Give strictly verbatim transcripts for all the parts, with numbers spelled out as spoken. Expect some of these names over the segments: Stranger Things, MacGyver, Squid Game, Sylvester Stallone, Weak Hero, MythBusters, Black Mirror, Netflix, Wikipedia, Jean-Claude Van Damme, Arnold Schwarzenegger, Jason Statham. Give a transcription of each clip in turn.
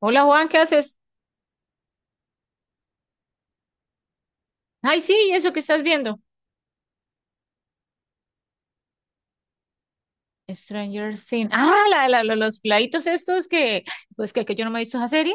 Hola Juan, ¿qué haces? Ay, sí, ¿eso que estás viendo? Stranger Things. Ah, la, la- la- los plaitos estos que, pues que, que yo no me he visto esa serie.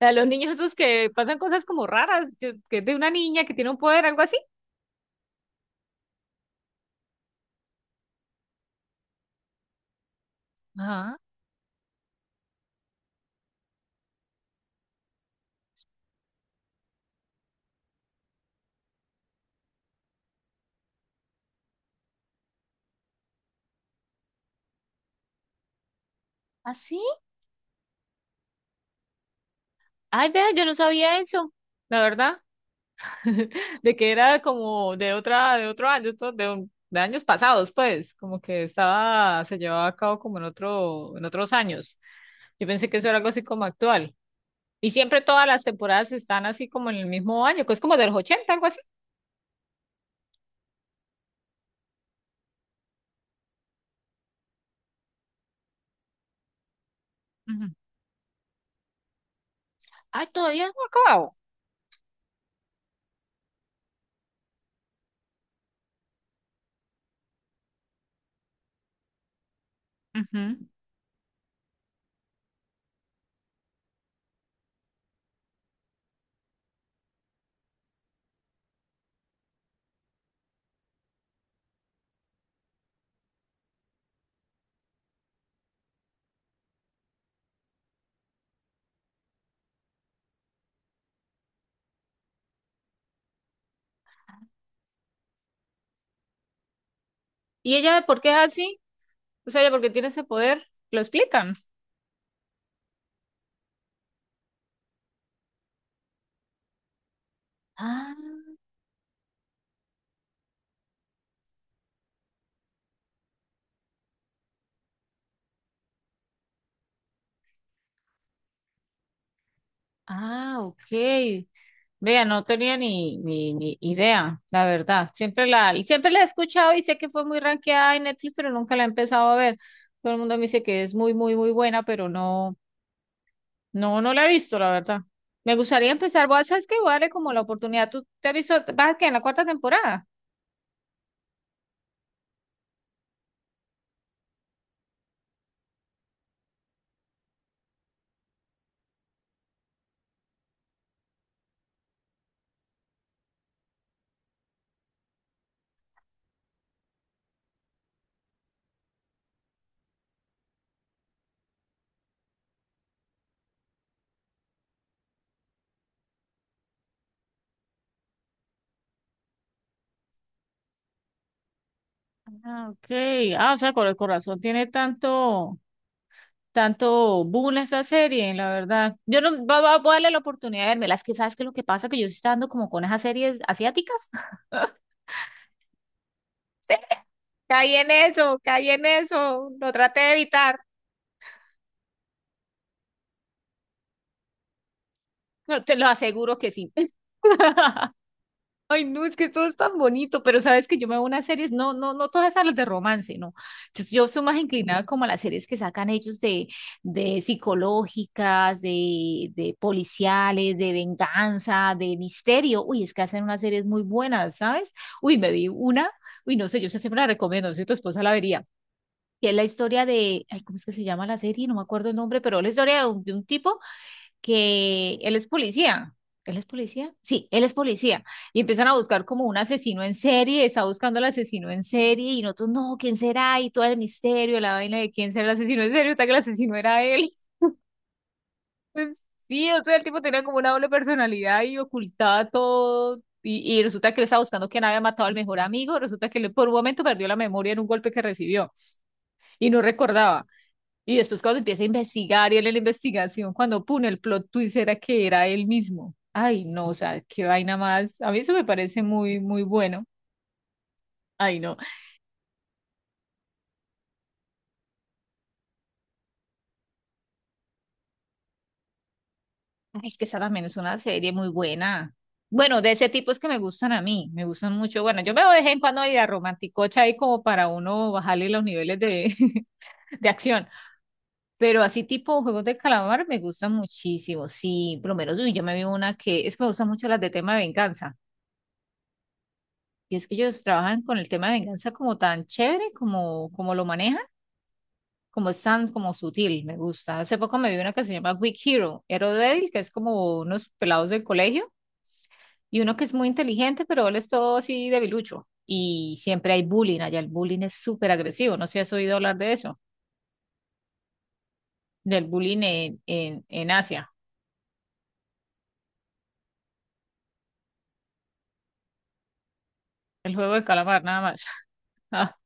La de los niños esos que pasan cosas como raras, que que es de una niña que tiene un poder, algo así. Ah, ¿así? Ay, vea, yo no sabía eso, la verdad, de que era como de otra, de otro año, esto de, un- de años pasados, pues, como que estaba, se llevaba a cabo como en otro, en otros años. Yo pensé que eso era algo así como actual. Y siempre todas las temporadas están así como en el mismo año, que es como de los ochenta algo así. Ujú. Ay, todavía no ha acabado. Ujú. ¿Y ella de por qué es así? O sea, ella porque tiene ese poder, lo explican. Ah, ah, ok. Vea, no tenía ni, ni, ni idea, la verdad. Siempre la, siempre la he escuchado y sé que fue muy rankeada en Netflix, pero nunca la he empezado a ver. Todo el mundo me dice que es muy, muy, muy buena, pero no, No, no la he visto, la verdad. Me gustaría empezar, voy a- ¿sabes qué? Voy a darle como la oportunidad. ¿Tú te has visto, vas que en la cuarta temporada? Ah, ok. Ah, o sea, con el corazón tiene tanto, tanto boom esta serie, la verdad. Yo no, va- va- voy a darle la oportunidad de verme. Las que sabes que lo que pasa que yo estoy dando como con esas series asiáticas. Sí, caí en eso, caí en eso. Lo traté de evitar. No, te lo aseguro que sí. Ay, no, es que todo es tan bonito, pero sabes que yo me veo unas series, no, no, no todas esas las de romance, no. Yo, yo soy más inclinada como a las series que sacan ellos de, de psicológicas, de, de policiales, de venganza, de misterio. Uy, es que hacen unas series muy buenas, ¿sabes? Uy, me vi una, uy, no sé, yo esa siempre la recomiendo, si tu esposa la vería. Que es la historia de, ay, ¿cómo es que se llama la serie? No me acuerdo el nombre, pero la historia de un, de un tipo que él es policía. ¿Él es policía? Sí, él es policía. Y empiezan a buscar como un asesino en serie, está buscando al asesino en serie y nosotros, no, ¿quién será? Y todo el misterio, la vaina de quién será el asesino en serie, hasta que el asesino era él. Sí, o sea, el tipo tenía como una doble personalidad y ocultaba todo. Y, y resulta que él estaba buscando quién había matado al mejor amigo. Resulta que él por un momento perdió la memoria en un golpe que recibió y no recordaba. Y después cuando empieza a investigar y él en la investigación, cuando pone el plot twist era que era él mismo. Ay, no, o sea, qué vaina más. A mí eso me parece muy, muy bueno. Ay, no. Ay, es que esa también es una serie muy buena. Bueno, de ese tipo es que me gustan a mí, me gustan mucho. Bueno, yo me voy de vez en cuando a ir a romanticocha ahí como para uno bajarle los niveles de, de acción. Pero así tipo juegos de calamar me gustan muchísimo. Sí, por lo menos uy, yo me vi una que es que me gustan mucho las de tema de venganza. Y es que ellos trabajan con el tema de venganza como tan chévere, como, como lo manejan, como es tan como sutil, me gusta. Hace poco me vi una que se llama Weak Hero, Hero Débil, que es como unos pelados del colegio, y uno que es muy inteligente, pero él es todo así debilucho. Y siempre hay bullying allá, el bullying es súper agresivo, no sé si has oído hablar de eso, del bullying en, en, en Asia, el juego de calamar, nada más.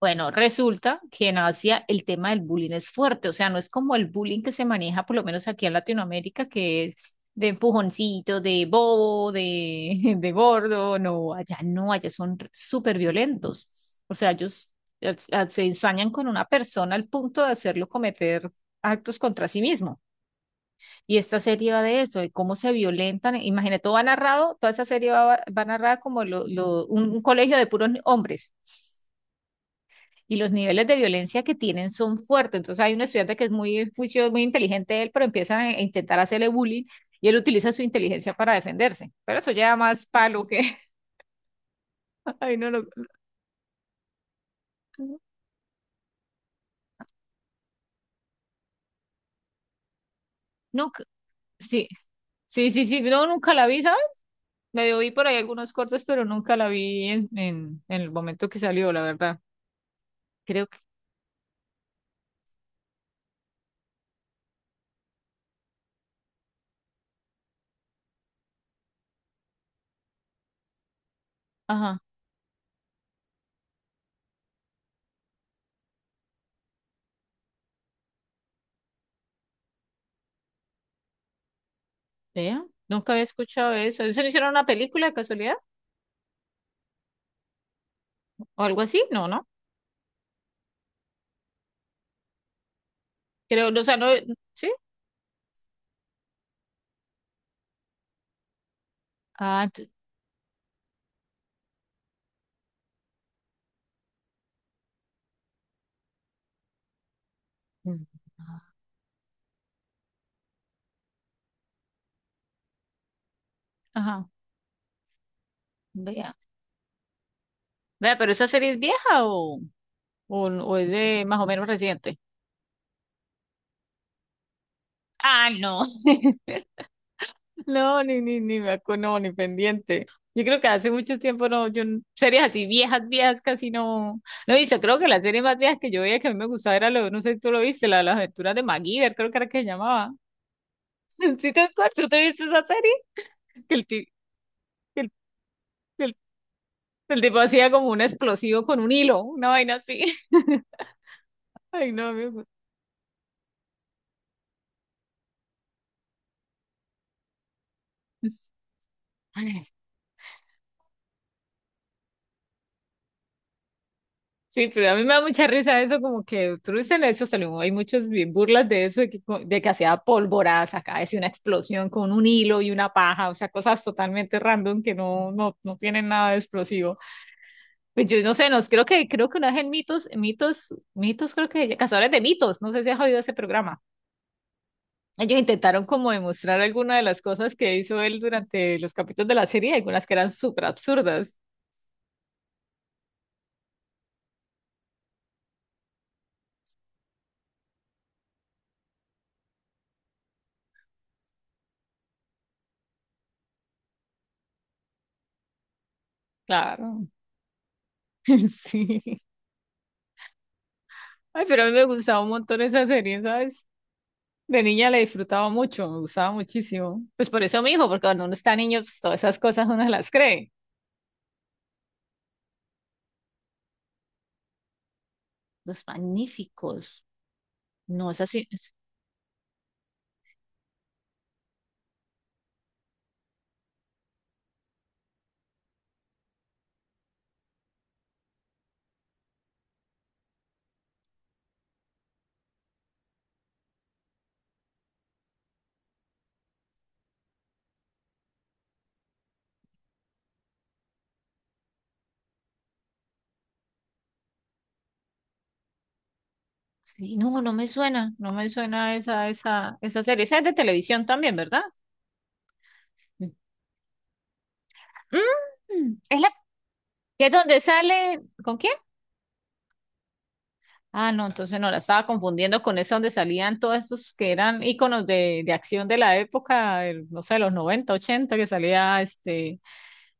Bueno, resulta que en Asia el tema del bullying es fuerte, o sea, no es como el bullying que se maneja, por lo menos aquí en Latinoamérica, que es de empujoncito, de bobo, de, de gordo, no, allá no, allá son súper violentos, o sea, ellos eh, eh, se ensañan con una persona al punto de hacerlo cometer actos contra sí mismo. Y esta serie va de eso, de cómo se violentan, imagínate, todo va narrado, toda esa serie va, va narrada como lo- lo- un un colegio de puros hombres y los niveles de violencia que tienen son fuertes. Entonces hay un estudiante que es muy juicioso, muy inteligente él, pero empieza a intentar hacerle bullying y él utiliza su inteligencia para defenderse. Pero eso ya más palo que... Ay, no, no, nunca, sí, sí, sí, sí, no, nunca la vi, ¿sabes? Medio vi por ahí algunos cortos, pero nunca la vi en, en, en el momento que salió, la verdad. Creo que, ajá, vea, nunca había escuchado eso. ¿Eso no hicieron una película de casualidad? ¿O algo así? No, no. Creo, o sea, no, sí. Ah, t- ajá. Vea. Vea, pero esa serie es vieja o, o, o es de más o menos reciente. Ah, no. No, ni, ni, ni me acuerdo, no, ni pendiente. Yo creo que hace mucho tiempo no, yo n- series así viejas, viejas casi no. No he creo que la serie más vieja que yo veía que a mí me gustaba era lo, no sé si tú lo viste, la de las aventuras de MacGyver, creo que era que se llamaba. ¿Sí te acuerdas? ¿Tú te viste esa serie? Que el, ti- que el, que el, el tipo hacía como un explosivo con un hilo, una vaina así. Ay, no, me Sí, pero a mí me da mucha risa eso, como que tú dices en eso, salió, hay muchas bi- burlas de eso, de que, co- de que hacía polvoradas acá, decía una explosión con un hilo y una paja, o sea, cosas totalmente random que no, no, no tienen nada de explosivo. Pues yo no sé, nos, creo que, creo que una vez en Mitos, Mitos, Mitos, creo que Cazadores de Mitos, no sé si has oído ese programa. Ellos intentaron como demostrar algunas de las cosas que hizo él durante los capítulos de la serie, algunas que eran súper absurdas. Claro, sí. Ay, pero a mí me gustaba un montón esa serie, ¿sabes? De niña le disfrutaba mucho, me gustaba muchísimo. Pues por eso mi hijo, porque cuando uno está niño, pues, todas esas cosas uno las cree. Los magníficos. No es así. Es- sí, no, no me suena. No me suena esa, esa, esa serie. Esa es de televisión también, ¿verdad? Mm, es la que es donde sale. ¿Con quién? Ah, no, entonces no la estaba confundiendo con esa donde salían todos estos que eran íconos de, de acción de la época, el- no sé, los noventa, ochenta, que salía este.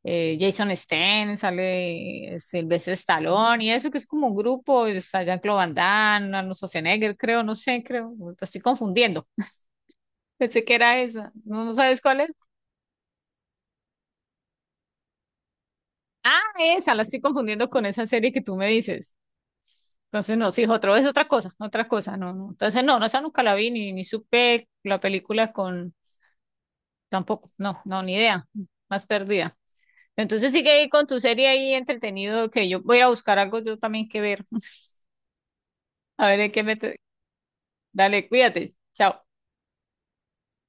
eh, Jason Statham, sale Sylvester Stallone y eso que es como un grupo, y está Jean-Claude Van Damme, Arnold Schwarzenegger, creo, no sé, creo, me estoy confundiendo. Pensé que era esa. ¿No, no sabes cuál es? Ah, esa, la estoy confundiendo con esa serie que tú me dices. Entonces, no, sí, otro es otra cosa, otra cosa, no, no. Entonces, no, no, esa nunca la vi, ni, ni supe la película con, tampoco, no, no, ni idea, más perdida. Entonces sigue ahí con tu serie ahí entretenido, que yo voy a buscar algo yo también que ver. A ver en qué me, Dale, cuídate. Chao.